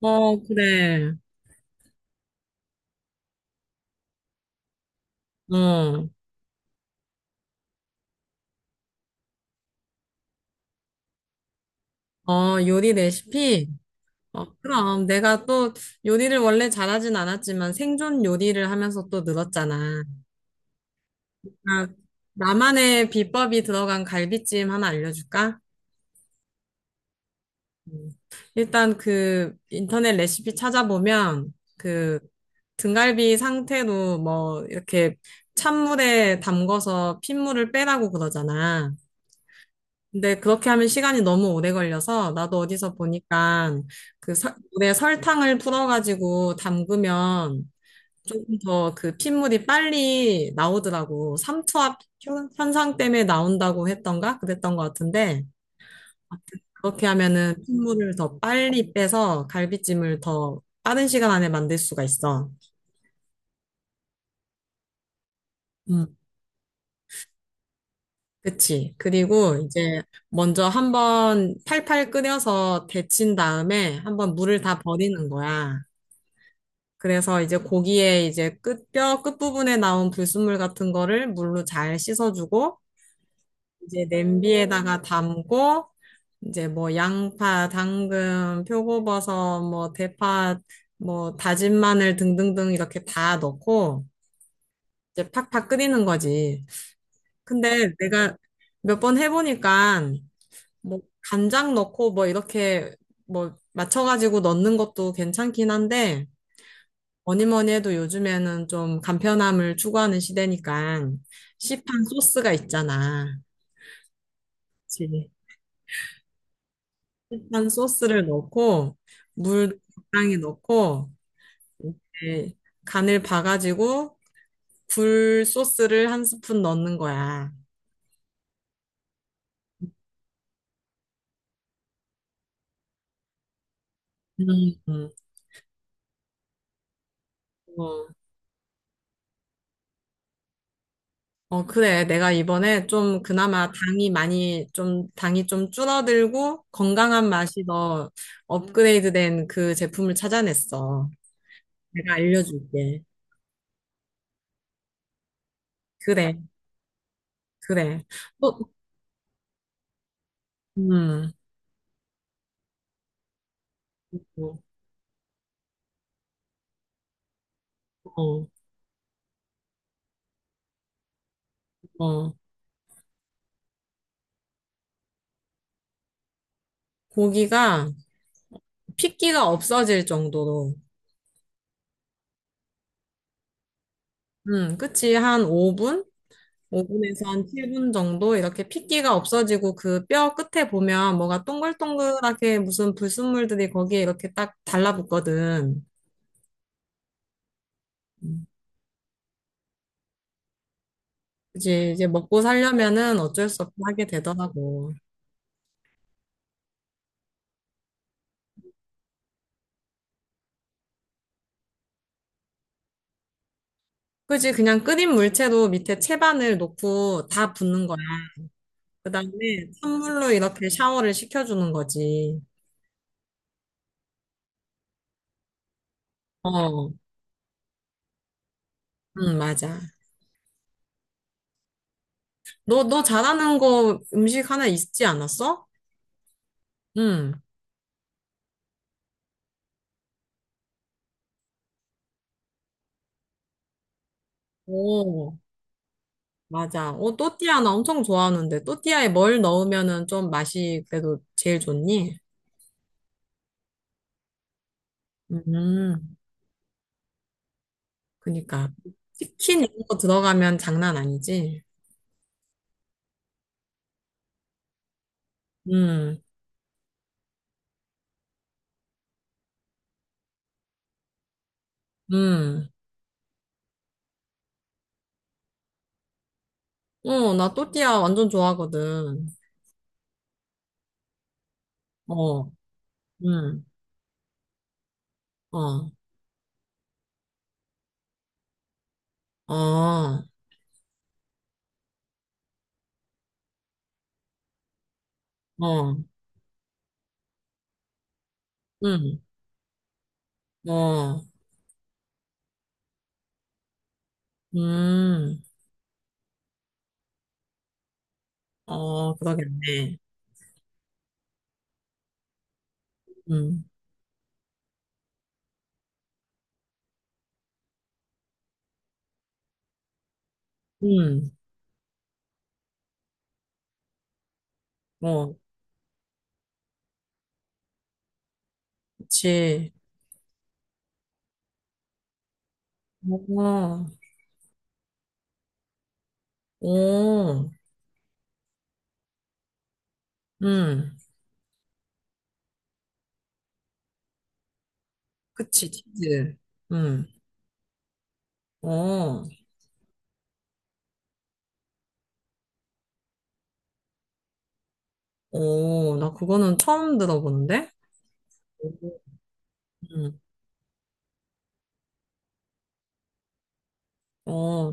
어, 그래. 응. 어, 요리 레시피? 어, 그럼. 내가 또 요리를 원래 잘하진 않았지만 생존 요리를 하면서 또 늘었잖아. 그러니까 나만의 비법이 들어간 갈비찜 하나 알려줄까? 음. 일단 그 인터넷 레시피 찾아보면 그 등갈비 상태로 뭐 이렇게 찬물에 담궈서 핏물을 빼라고 그러잖아. 근데 그렇게 하면 시간이 너무 오래 걸려서 나도 어디서 보니까 그 물에 설탕을 풀어가지고 담그면 조금 더 그 핏물이 빨리 나오더라고. 삼투압 현상 때문에 나온다고 했던가? 그랬던 것 같은데 아무튼 그렇게 하면은 핏물을 더 빨리 빼서 갈비찜을 더 빠른 시간 안에 만들 수가 있어. 음, 그치. 그리고 이제 먼저 한번 팔팔 끓여서 데친 다음에 한번 물을 다 버리는 거야. 그래서 이제 고기에 이제 끝, 뼈 끝부분에 나온 불순물 같은 거를 물로 잘 씻어주고, 이제 냄비에다가 담고, 이제 뭐 양파, 당근, 표고버섯, 뭐 대파, 뭐 다진 마늘 등등등 이렇게 다 넣고, 이제 팍팍 끓이는 거지. 근데 내가 몇 번 해보니까, 뭐 간장 넣고 뭐 이렇게 뭐 맞춰가지고 넣는 것도 괜찮긴 한데, 뭐니 뭐니 해도 요즘에는 좀 간편함을 추구하는 시대니까 시판 소스가 있잖아. 그치. 시판 소스를 넣고 물 적당히 넣고 이렇게 간을 봐가지고 굴 소스를 한 스푼 넣는 거야. 음, 음, 어, 어, 그래. 내가 이번에 좀 그나마 당이 많이 좀, 당이 좀 줄어들고 건강한 맛이 더 업그레이드 된 그 제품을 찾아냈어. 내가 알려줄게. 그래. 그래. 또, 음, 어, 어, 어. 고기가 핏기가 없어질 정도로, 그치. 한 5분? 5분에서 한 7분 정도 이렇게 핏기가 없어지고 그 뼈 끝에 보면 뭐가 동글동글하게 무슨 불순물들이 거기에 이렇게 딱 달라붙거든. 음, 그치. 이제 먹고 살려면은 어쩔 수 없이 하게 되더라고. 그치. 그냥 끓인 물체로 밑에 채반을 놓고 다 붓는 거야. 그 다음에 찬물로 이렇게 샤워를 시켜주는 거지. 어, 응, 맞아. 너, 너 잘하는 거 음식 하나 있지 않았어? 응. 오, 맞아. 어, 또띠아 나 엄청 좋아하는데, 또띠아에 뭘 넣으면은 좀 맛이 그래도 제일 좋니? 음, 그니까. 치킨 이런 거 들어가면 장난 아니지? 음, 음. 어, 나 또띠아 완전 좋아하거든. 어, 음, 어, 어, 어, 음, 어, 음, 어, 그러겠네. 음. 음, 어, 그치. 어, 어, 음, 그치, 치즈. 음, 어, 어, 나 그거는 처음 들어보는데? 음, 어,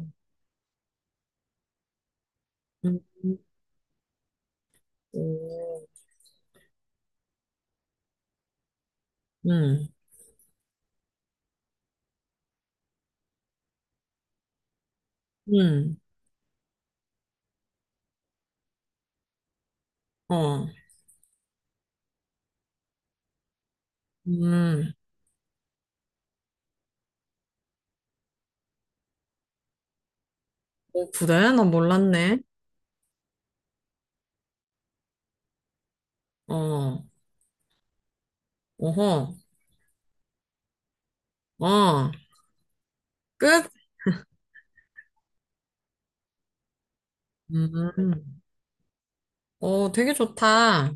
음, 어, 음, 음, 어, 음, 어, 그래? 나 몰랐네. 어, 어허, 어, 끝? 음, 어, 되게 좋다.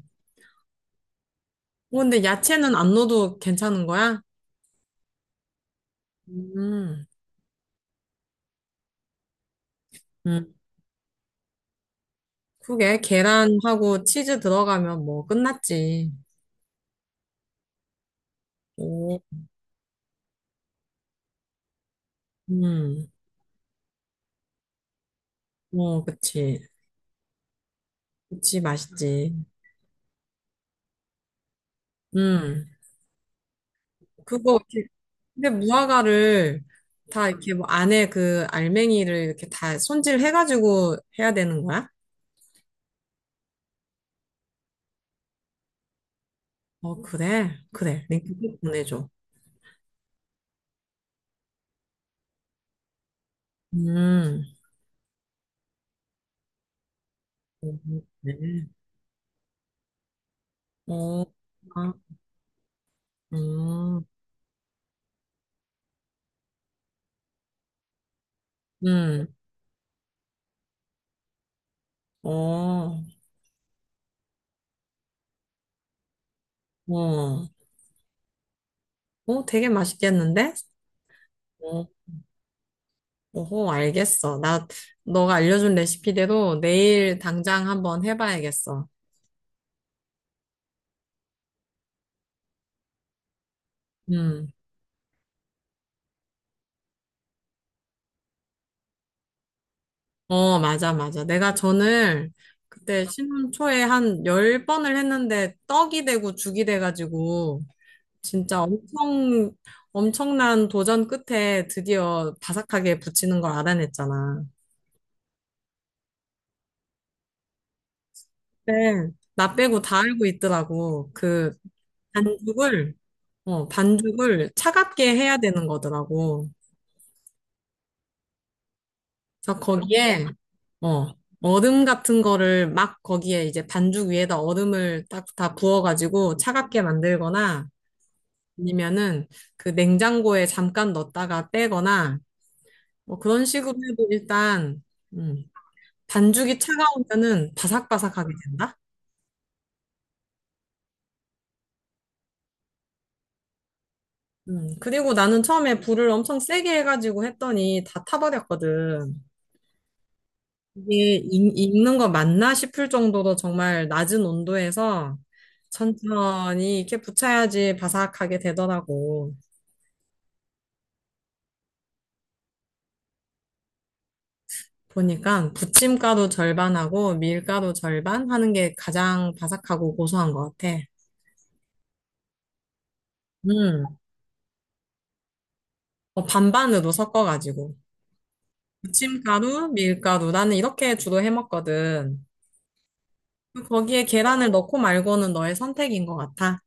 어, 근데 야채는 안 넣어도 괜찮은 거야? 음. 음. 그게 계란하고 치즈 들어가면 뭐 끝났지. 오, 음, 어, 그치. 그치, 맛있지. 음, 그거, 근데 무화과를 다 이렇게 뭐 안에 그 알맹이를 이렇게 다 손질해가지고 해야 되는 거야? 어, 그래. 그래. 링크 꼭 보내줘. 음, 래 어, 아, 음, 음, 어, 어, 어, 되게 맛있겠는데? 어. 오호, 알겠어. 나, 너가 알려준 레시피대로 내일 당장 한번 해봐야겠어. 음. 어, 맞아, 맞아. 내가 전을 그때 신혼 초에 한 10번을 했는데 떡이 되고 죽이 돼가지고 진짜 엄청, 엄청난 도전 끝에 드디어 바삭하게 붙이는 걸 알아냈잖아. 근데 나 빼고 다 알고 있더라고. 반죽을, 반죽을 차갑게 해야 되는 거더라고. 그래서 거기에 어 얼음 같은 거를 막 거기에 이제 반죽 위에다 얼음을 딱 다 부어가지고 차갑게 만들거나 아니면은 그 냉장고에 잠깐 넣었다가 빼거나 뭐 그런 식으로 해도 일단 음, 반죽이 차가우면은 바삭바삭하게 된다. 그리고 나는 처음에 불을 엄청 세게 해가지고 했더니 다 타버렸거든. 이게 익는 거 맞나 싶을 정도로 정말 낮은 온도에서 천천히 이렇게 부쳐야지 바삭하게 되더라고. 보니까 부침가루 절반하고 밀가루 절반 하는 게 가장 바삭하고 고소한 것 같아. 음, 어, 반반으로 섞어가지고. 부침가루, 밀가루. 나는 이렇게 주로 해 먹거든. 거기에 계란을 넣고 말고는 너의 선택인 것 같아.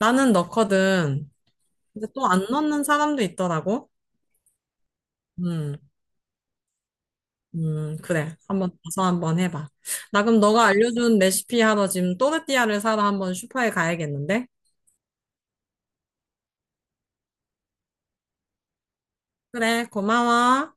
나는 넣거든. 근데 또 안 넣는 사람도 있더라고. 음. 그래. 한번 가서 한번 해봐. 나 그럼 너가 알려준 레시피 하러 지금 또르띠아를 사러 한번 슈퍼에 가야겠는데? 그래, 고마워.